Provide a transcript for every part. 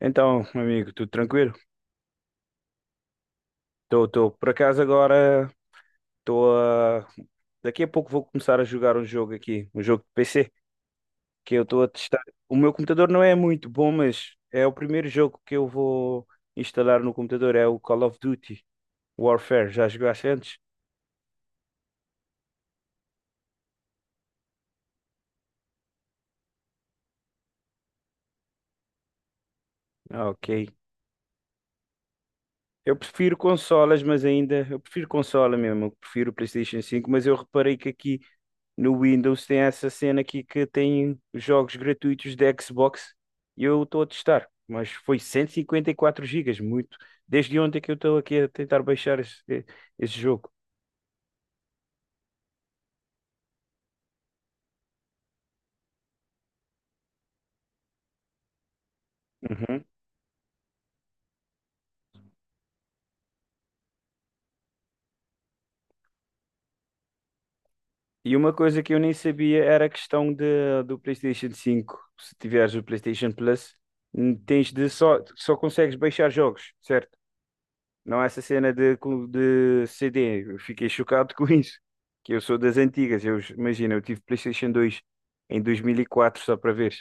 Então, meu amigo, tudo tranquilo? Estou, tô, tô. Por acaso agora estou a... daqui a pouco vou começar a jogar um jogo aqui, um jogo de PC, que eu estou a testar. O meu computador não é muito bom, mas é o primeiro jogo que eu vou instalar no computador, é o Call of Duty Warfare. Já jogaste antes? Ah, ok. Eu prefiro consolas, mas eu prefiro consola mesmo, eu prefiro o PlayStation 5, mas eu reparei que aqui no Windows tem essa cena aqui que tem jogos gratuitos de Xbox e eu estou a testar, mas foi 154 gigas muito. Desde ontem que eu estou aqui a tentar baixar esse jogo. Uhum. E uma coisa que eu nem sabia era a questão do PlayStation 5. Se tiveres o PlayStation Plus, tens de só consegues baixar jogos, certo? Não, essa cena de CD, eu fiquei chocado com isso. Que eu sou das antigas, eu imagina, eu tive PlayStation 2 em 2004 só para ver.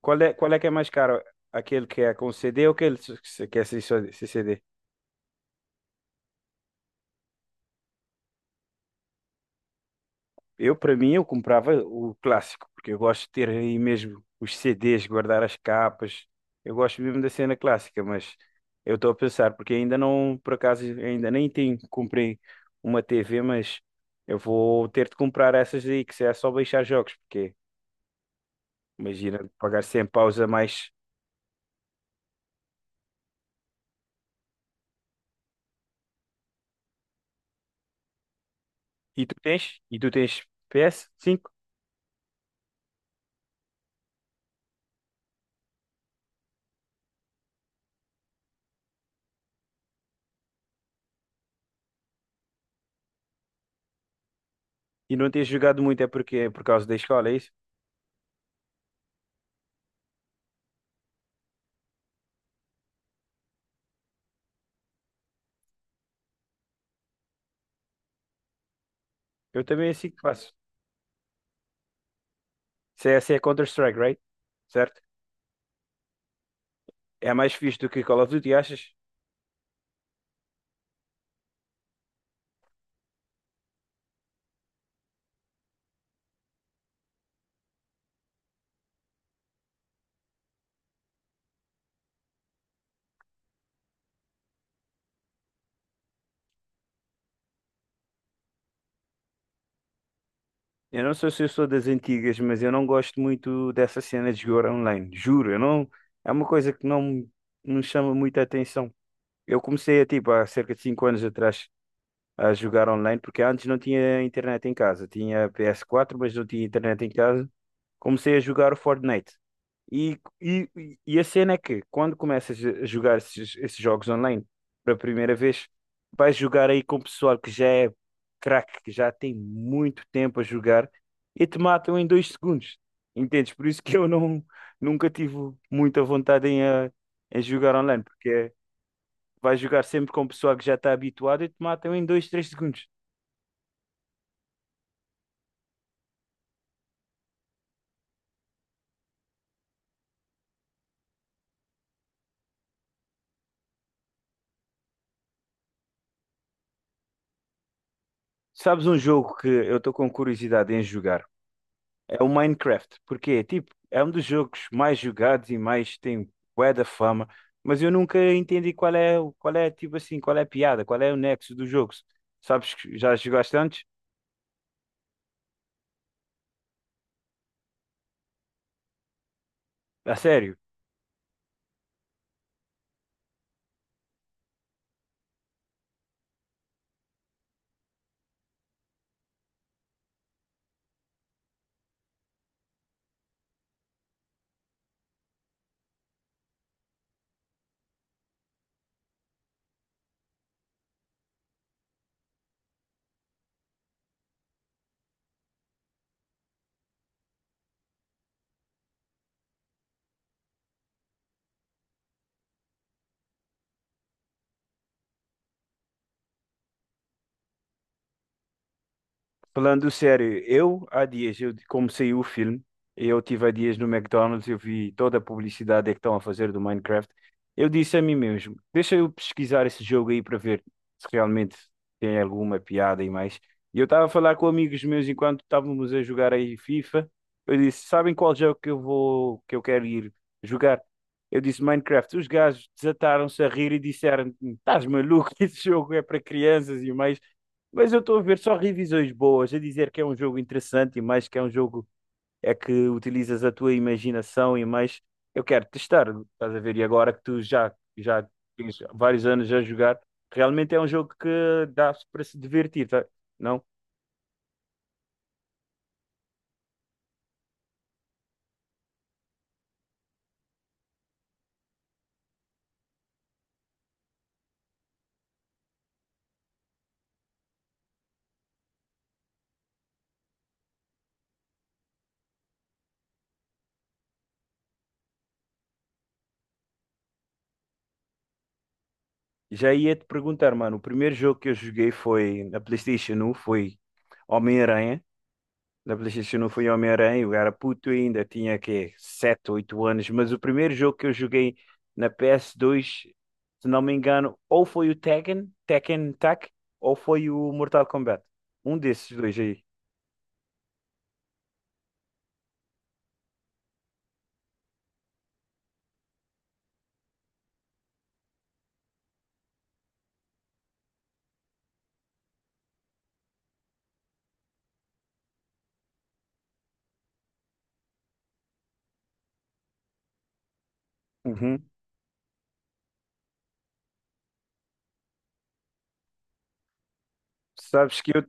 Qual é que é mais caro? Aquele que é com CD ou aquele que é sem sem CD? Eu, para mim, eu comprava o clássico, porque eu gosto de ter aí mesmo os CDs, guardar as capas. Eu gosto mesmo da cena clássica, mas eu estou a pensar, porque ainda não, por acaso, ainda nem tenho, comprei uma TV, mas eu vou ter de comprar essas aí, que se é só baixar jogos, porque imagina pagar 100 paus a mais. E tu tens? E tu tens ps cinco? E não tens jogado muito, é porque é por causa da escola, é isso? Eu também é assim que faço. CS é Counter-Strike, right? Certo? É mais fixe do que Call of Duty, achas? Eu não sei se eu sou das antigas, mas eu não gosto muito dessa cena de jogar online. Juro, eu não. É uma coisa que não chama muita atenção. Eu comecei a, tipo, há cerca de 5 anos atrás a jogar online, porque antes não tinha internet em casa. Tinha PS4, mas não tinha internet em casa. Comecei a jogar o Fortnite. E, e, e a cena é que quando começas a jogar esses jogos online pela primeira vez, vais jogar aí com o pessoal que já é craque, que já tem muito tempo a jogar e te matam em 2 segundos. Entendes? Por isso que eu não, nunca tive muita vontade em, em jogar online, porque vais jogar sempre com o pessoal que já está habituado e te matam em 2, 3 segundos. Sabes um jogo que eu estou com curiosidade em jogar? É o Minecraft, porque tipo, é um dos jogos mais jogados e mais tem bué da fama, mas eu nunca entendi qual é tipo assim, qual é a piada, qual é o nexo do jogo. Sabes que já jogaste antes? A sério? Falando sério, eu há dias, eu, como saiu o filme, eu tive há dias no McDonald's, eu vi toda a publicidade é que estão a fazer do Minecraft. Eu disse a mim mesmo, deixa eu pesquisar esse jogo aí para ver se realmente tem alguma piada e mais. E eu estava a falar com amigos meus enquanto estávamos a jogar aí FIFA. Eu disse, sabem qual jogo que eu quero ir jogar? Eu disse Minecraft. Os gajos desataram-se a rir e disseram, estás maluco, esse jogo é para crianças e mais. Mas eu estou a ver só revisões boas, a dizer que é um jogo interessante e mais, que é um jogo é que utilizas a tua imaginação e mais, eu quero testar, estás a ver? E agora que tu já tens vários anos a jogar, realmente é um jogo que dá para se divertir, tá? Não? Já ia te perguntar, mano, o primeiro jogo que eu joguei foi na PlayStation 1, foi Homem-Aranha. Na PlayStation 1 fui Homem-Aranha, eu era puto ainda, tinha que 7 8 anos, mas o primeiro jogo que eu joguei na PS2, se não me engano, ou foi o Tekken, Tekken Tag, ou foi o Mortal Kombat. Um desses dois aí. Uhum. Sabes que eu,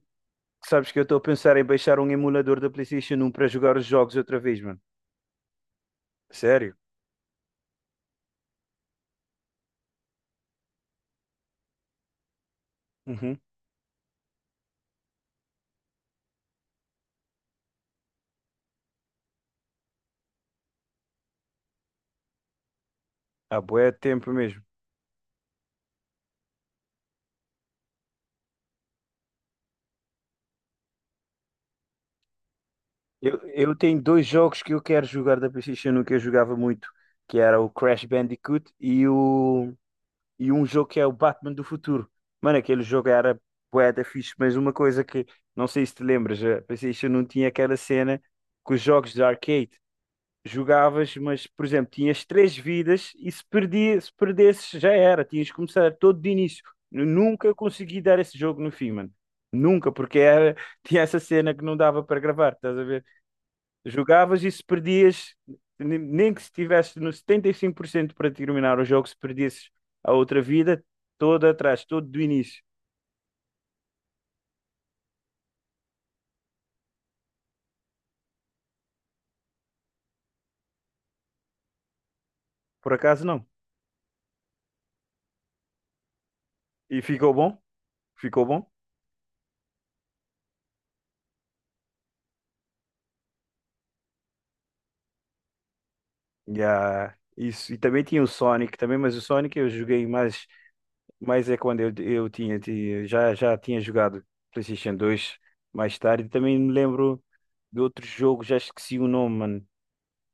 sabes que eu estou a pensar em baixar um emulador da PlayStation 1 para jogar os jogos outra vez, mano. Sério? Uhum. Há bué de tempo mesmo. Eu tenho dois jogos que eu quero jogar da PlayStation 1 que eu jogava muito, que era o Crash Bandicoot e o e um jogo que é o Batman do futuro. Mano, aquele jogo era bué da fixe, mas uma coisa que não sei se te lembras, a PlayStation não tinha aquela cena que os jogos de arcade jogavas, mas por exemplo, tinhas três vidas e se perdesses já era, tinhas que começar todo de início. Eu nunca consegui dar esse jogo no fim, mano. Nunca, porque era, tinha essa cena que não dava para gravar, estás a ver? Jogavas e se perdias, nem que se estivesse no 75% para terminar o jogo, se perdesses a outra vida, toda atrás, todo do início. Por acaso não. E ficou bom? Ficou bom? Yeah. Isso. E também tinha o Sonic também, mas o Sonic eu joguei mais, mais é quando eu, eu já tinha jogado PlayStation 2 mais tarde. Também me lembro de outro jogo, já esqueci o nome, mano.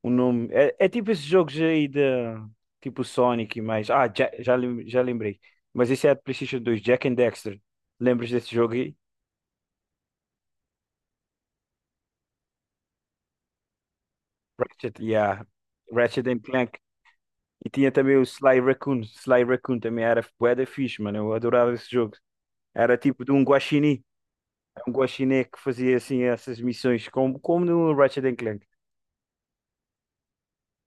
O nome. É tipo esses jogos aí de. Tipo Sonic e mais. Ah, já lembrei. Mas esse é de PlayStation 2, Jack and Dexter. Lembras desse jogo aí? Ratchet, yeah. Ratchet and Clank. E tinha também o Sly Raccoon. Sly Raccoon também era bué da fixe, mano. Eu adorava esse jogo. Era tipo de um guaxinim. Um guaxiné que fazia assim essas missões, como no Ratchet and Clank.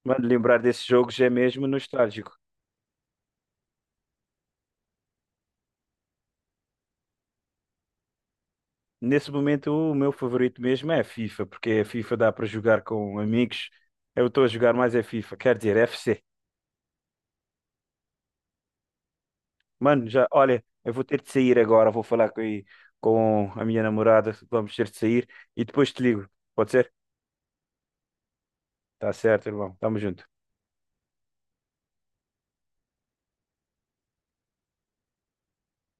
Mano, lembrar desses jogos é mesmo nostálgico. Nesse momento, o meu favorito mesmo é a FIFA, porque a FIFA dá para jogar com amigos. Eu estou a jogar mais a FIFA, quer dizer, FC. Mano, já, olha, eu vou ter de sair agora, vou falar com a minha namorada, vamos ter de sair e depois te ligo. Pode ser? Tá certo, irmão. Tamo junto.